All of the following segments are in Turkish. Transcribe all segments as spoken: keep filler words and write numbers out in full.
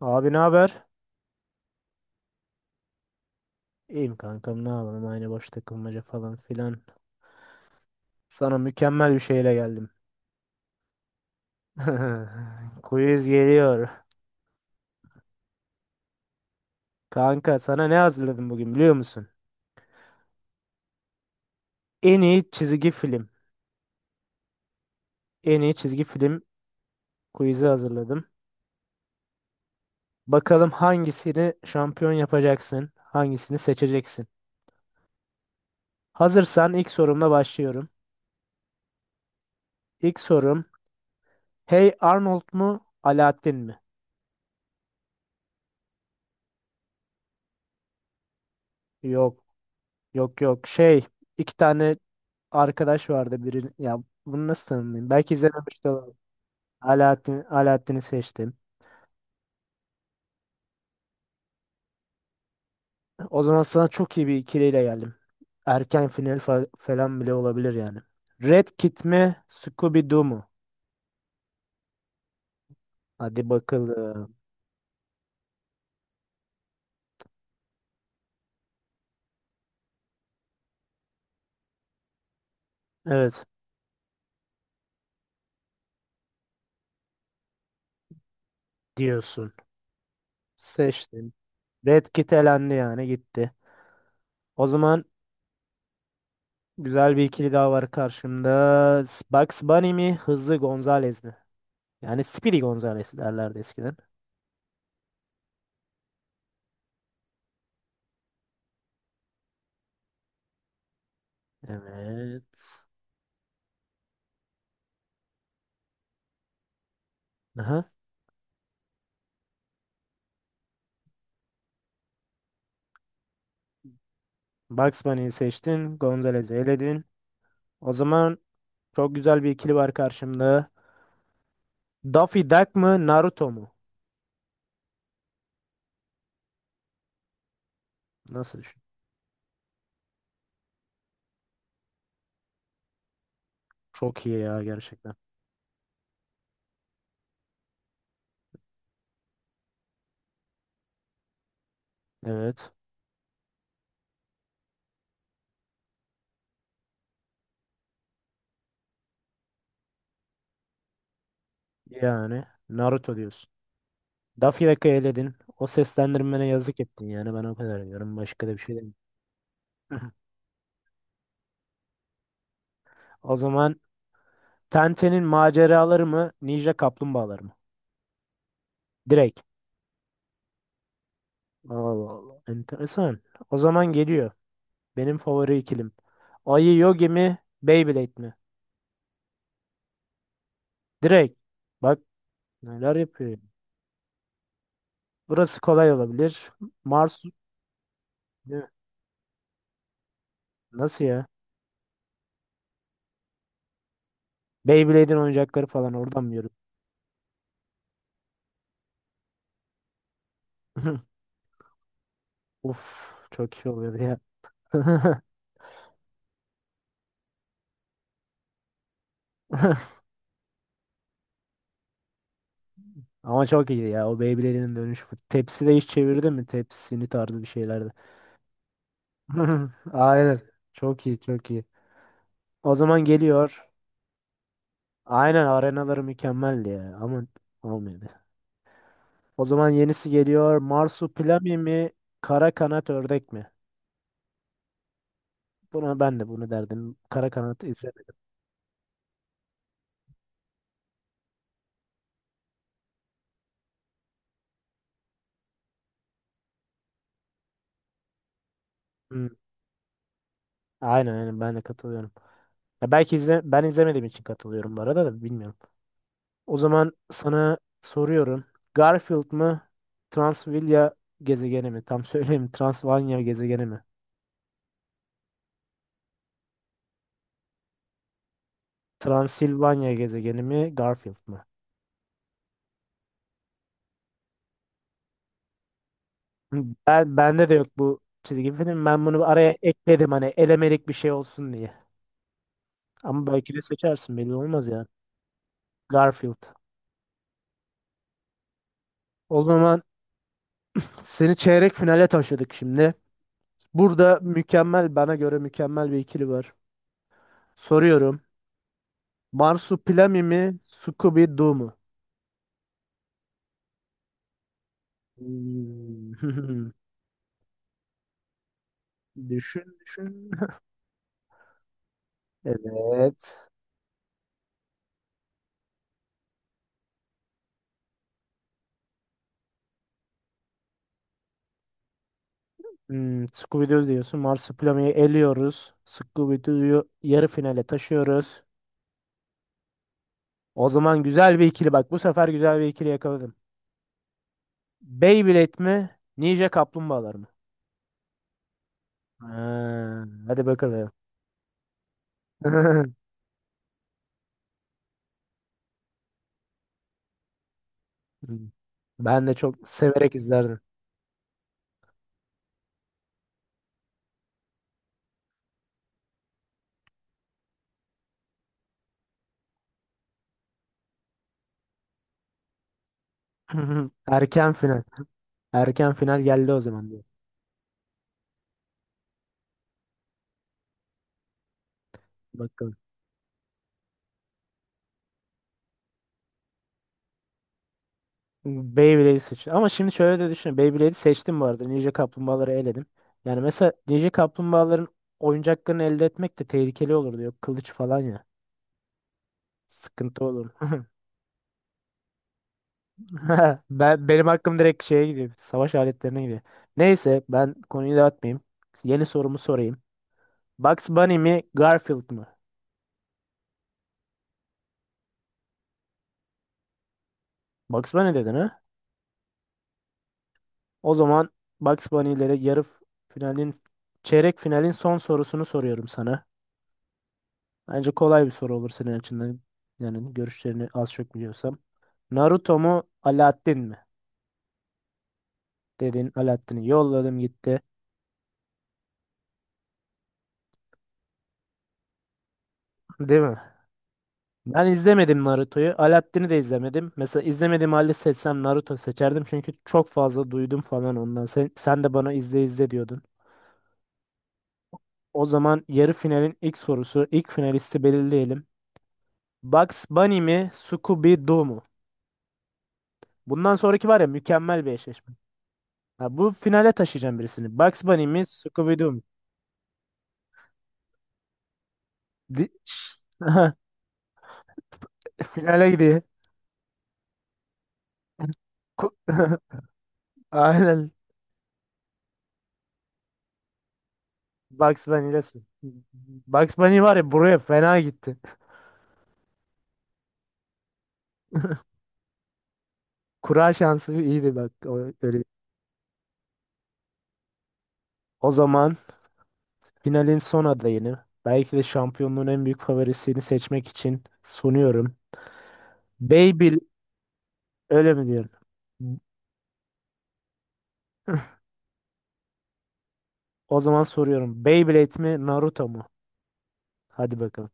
Abi ne haber? İyiyim kankam, ne yapalım, aynı boş takılmaca falan filan. Sana mükemmel bir şeyle geldim. Quiz geliyor. Kanka, sana ne hazırladım bugün biliyor musun? En iyi çizgi film. En iyi çizgi film quiz'i hazırladım. Bakalım hangisini şampiyon yapacaksın? Hangisini seçeceksin? Hazırsan ilk sorumla başlıyorum. İlk sorum, Hey Arnold mu? Aladdin mi? Yok yok yok şey iki tane arkadaş vardı biri. Ya bunu nasıl tanımlayayım? Belki izlememiş de olabilir. Alaaddin, Alaaddin'i seçtim. O zaman sana çok iyi bir ikiliyle geldim. Erken final fa- falan bile olabilir yani. Red Kit mi, Scooby Doo mu? Hadi bakalım. Evet. Diyorsun. Seçtim. Red Kit elendi yani gitti. O zaman güzel bir ikili daha var karşımda. S- Bugs Bunny mi, Hızlı Gonzales mi? Yani Speedy Gonzales derlerdi eskiden. Evet. Aha. Bugs Bunny'yi seçtin. Gonzalez'i eledin. O zaman çok güzel bir ikili var karşımda. Daffy Duck mı Naruto mu? Nasıl? Çok iyi ya gerçekten. Evet. Yani Naruto diyorsun. Daffy Duck'ı eledin. O seslendirmene yazık ettin yani. Ben o kadar diyorum. Başka da bir şey demiyorum. O zaman Tenten'in maceraları mı? Ninja kaplumbağaları mı? Direkt. Allah Allah. Enteresan. O zaman geliyor. Benim favori ikilim. Ayı Yogi mi? Beyblade mi? Direkt. Bak, neler yapıyor? Burası kolay olabilir. Mars Ne? Nasıl ya? Beyblade'in oyuncakları falan oradan mı yürü? Uf, çok iyi oluyordu ya. Ama çok iyi ya o Beyblade'in dönüşü. Tepsi de hiç çevirdi mi? Tepsini tarzı bir şeylerde. Aynen. Çok iyi, çok iyi. O zaman geliyor. Aynen, arenaları mükemmeldi ya ama olmadı. O zaman yenisi geliyor. Marsupilami mi? Kara kanat ördek mi? Buna ben de bunu derdim. Kara kanat izlemedim. Hmm. Aynen aynen, ben de katılıyorum. Ya belki izle, ben izlemediğim için katılıyorum bu arada da bilmiyorum. O zaman sana soruyorum. Garfield mı? Transvilya gezegeni mi? Tam söyleyeyim. Transvanya gezegeni mi? Transilvanya gezegeni mi? Garfield mı? Ben bende de yok bu çizgi film. Ben bunu araya ekledim hani elemelik bir şey olsun diye. Ama belki de seçersin, belli olmaz yani. Garfield. O zaman seni çeyrek finale taşıdık şimdi. Burada mükemmel, bana göre mükemmel bir ikili var. Soruyorum. Marsupilami mi? Scooby-Doo mu? Hmm. Düşün düşün. Evet. Hmm, Scooby-Doo diyorsun. Marsupilami'yi eliyoruz. Scooby-Doo'yu yarı finale taşıyoruz. O zaman güzel bir ikili bak. Bu sefer güzel bir ikili yakaladım. Beyblade mi? Ninja Kaplumbağalar mı? Ha, hadi bakalım. Hmm. Ben de çok severek izlerdim. Erken final. Erken final geldi o zaman diyor. Bakalım. Beyblade'i seçtim. Ama şimdi şöyle de düşün. Beyblade'i seçtim bu arada. Ninja Kaplumbağaları eledim. Yani mesela Ninja Kaplumbağaların oyuncaklarını elde etmek de tehlikeli olurdu. Yok kılıç falan ya. Sıkıntı olur. Ben, benim hakkım direkt şeye gidiyor. Savaş aletlerine gidiyor. Neyse ben konuyu dağıtmayayım. Yeni sorumu sorayım. Bugs Bunny mi Garfield mı? Bugs Bunny dedin ha? O zaman Bugs Bunny ile de yarı finalin çeyrek finalin son sorusunu soruyorum sana. Bence kolay bir soru olur senin açından. Yani görüşlerini az çok biliyorsam. Naruto mu Alaaddin mi? Dedin, Alaaddin'i yolladım gitti. Değil mi? Ben izlemedim Naruto'yu. Alaaddin'i de izlemedim. Mesela izlemediğim halde seçsem Naruto seçerdim. Çünkü çok fazla duydum falan ondan. Sen, sen de bana izle izle diyordun. O zaman yarı finalin ilk sorusu. İlk finalisti belirleyelim. Bugs Bunny mi Scooby-Doo mu? Bundan sonraki var ya mükemmel bir eşleşme. Ha, bu finale taşıyacağım birisini. Bugs Bunny mi Scooby-Doo? Di- Finale gidiyor. Ku- Aynen. Bugs Bunny ile Bugs Bunny var ya, buraya fena gitti. Kura şansı iyiydi bak. O, öyle. O zaman finalin son adayını, belki de şampiyonluğun en büyük favorisini seçmek için sunuyorum. Beyblade, öyle mi diyorum? O zaman soruyorum. Beyblade mi Naruto mu? Hadi bakalım.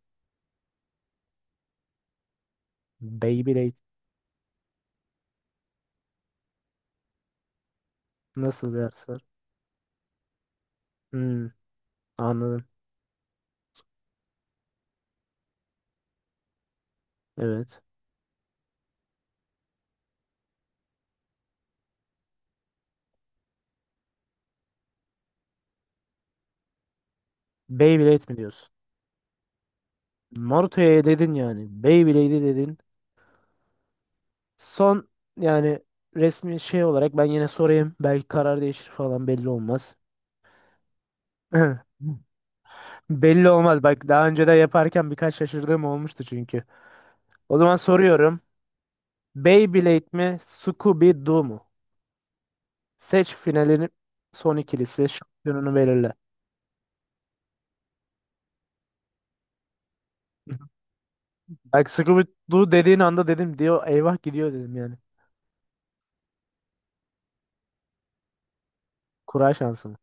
Beyblade, nasıl bir yarış var? Hmm, anladım. Evet. Beyblade mi diyorsun? Naruto'ya dedin yani. Beyblade'e dedin. Son, yani resmi şey olarak ben yine sorayım. Belki karar değişir falan, belli olmaz. Belli olmaz. Bak, daha önce de yaparken birkaç şaşırdığım olmuştu çünkü. O zaman soruyorum. Beyblade mi? Scooby-Doo mu? Seç finalini, son ikilisi. Şampiyonunu belirle. Bak, Scooby-Doo dediğin anda dedim, diyor. Eyvah gidiyor dedim yani. Kura şansı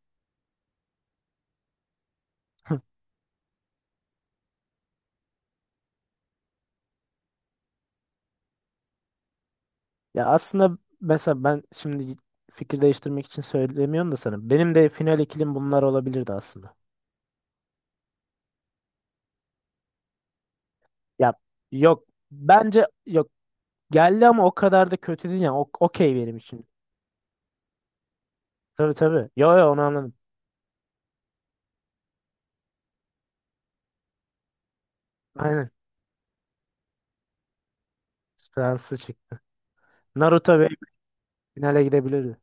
Ya aslında mesela ben şimdi fikir değiştirmek için söylemiyorum da sana. Benim de final ikilim bunlar olabilirdi aslında. Ya yok bence yok geldi ama o kadar da kötü değil yani. O- okey benim için. Tabii tabii. Yo yo onu anladım. Aynen. Fransız çık. Naruto Beyblade finale gidebilirdi.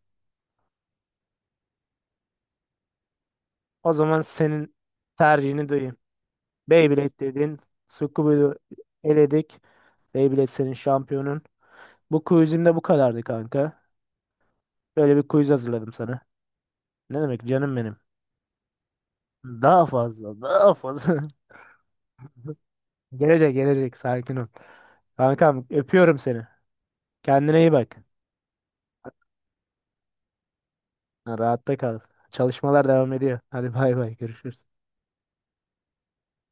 O zaman senin tercihini duyayım. Beyblade dedin. Tsukuba'yı eledik. Beyblade senin şampiyonun. Bu quizim de bu kadardı kanka. Böyle bir quiz hazırladım sana. Ne demek canım benim. Daha fazla, daha fazla. Gelecek, gelecek. Sakin ol. Kankam, öpüyorum seni. Kendine iyi bak. Ha, rahatta kal. Çalışmalar devam ediyor. Hadi bay bay, görüşürüz.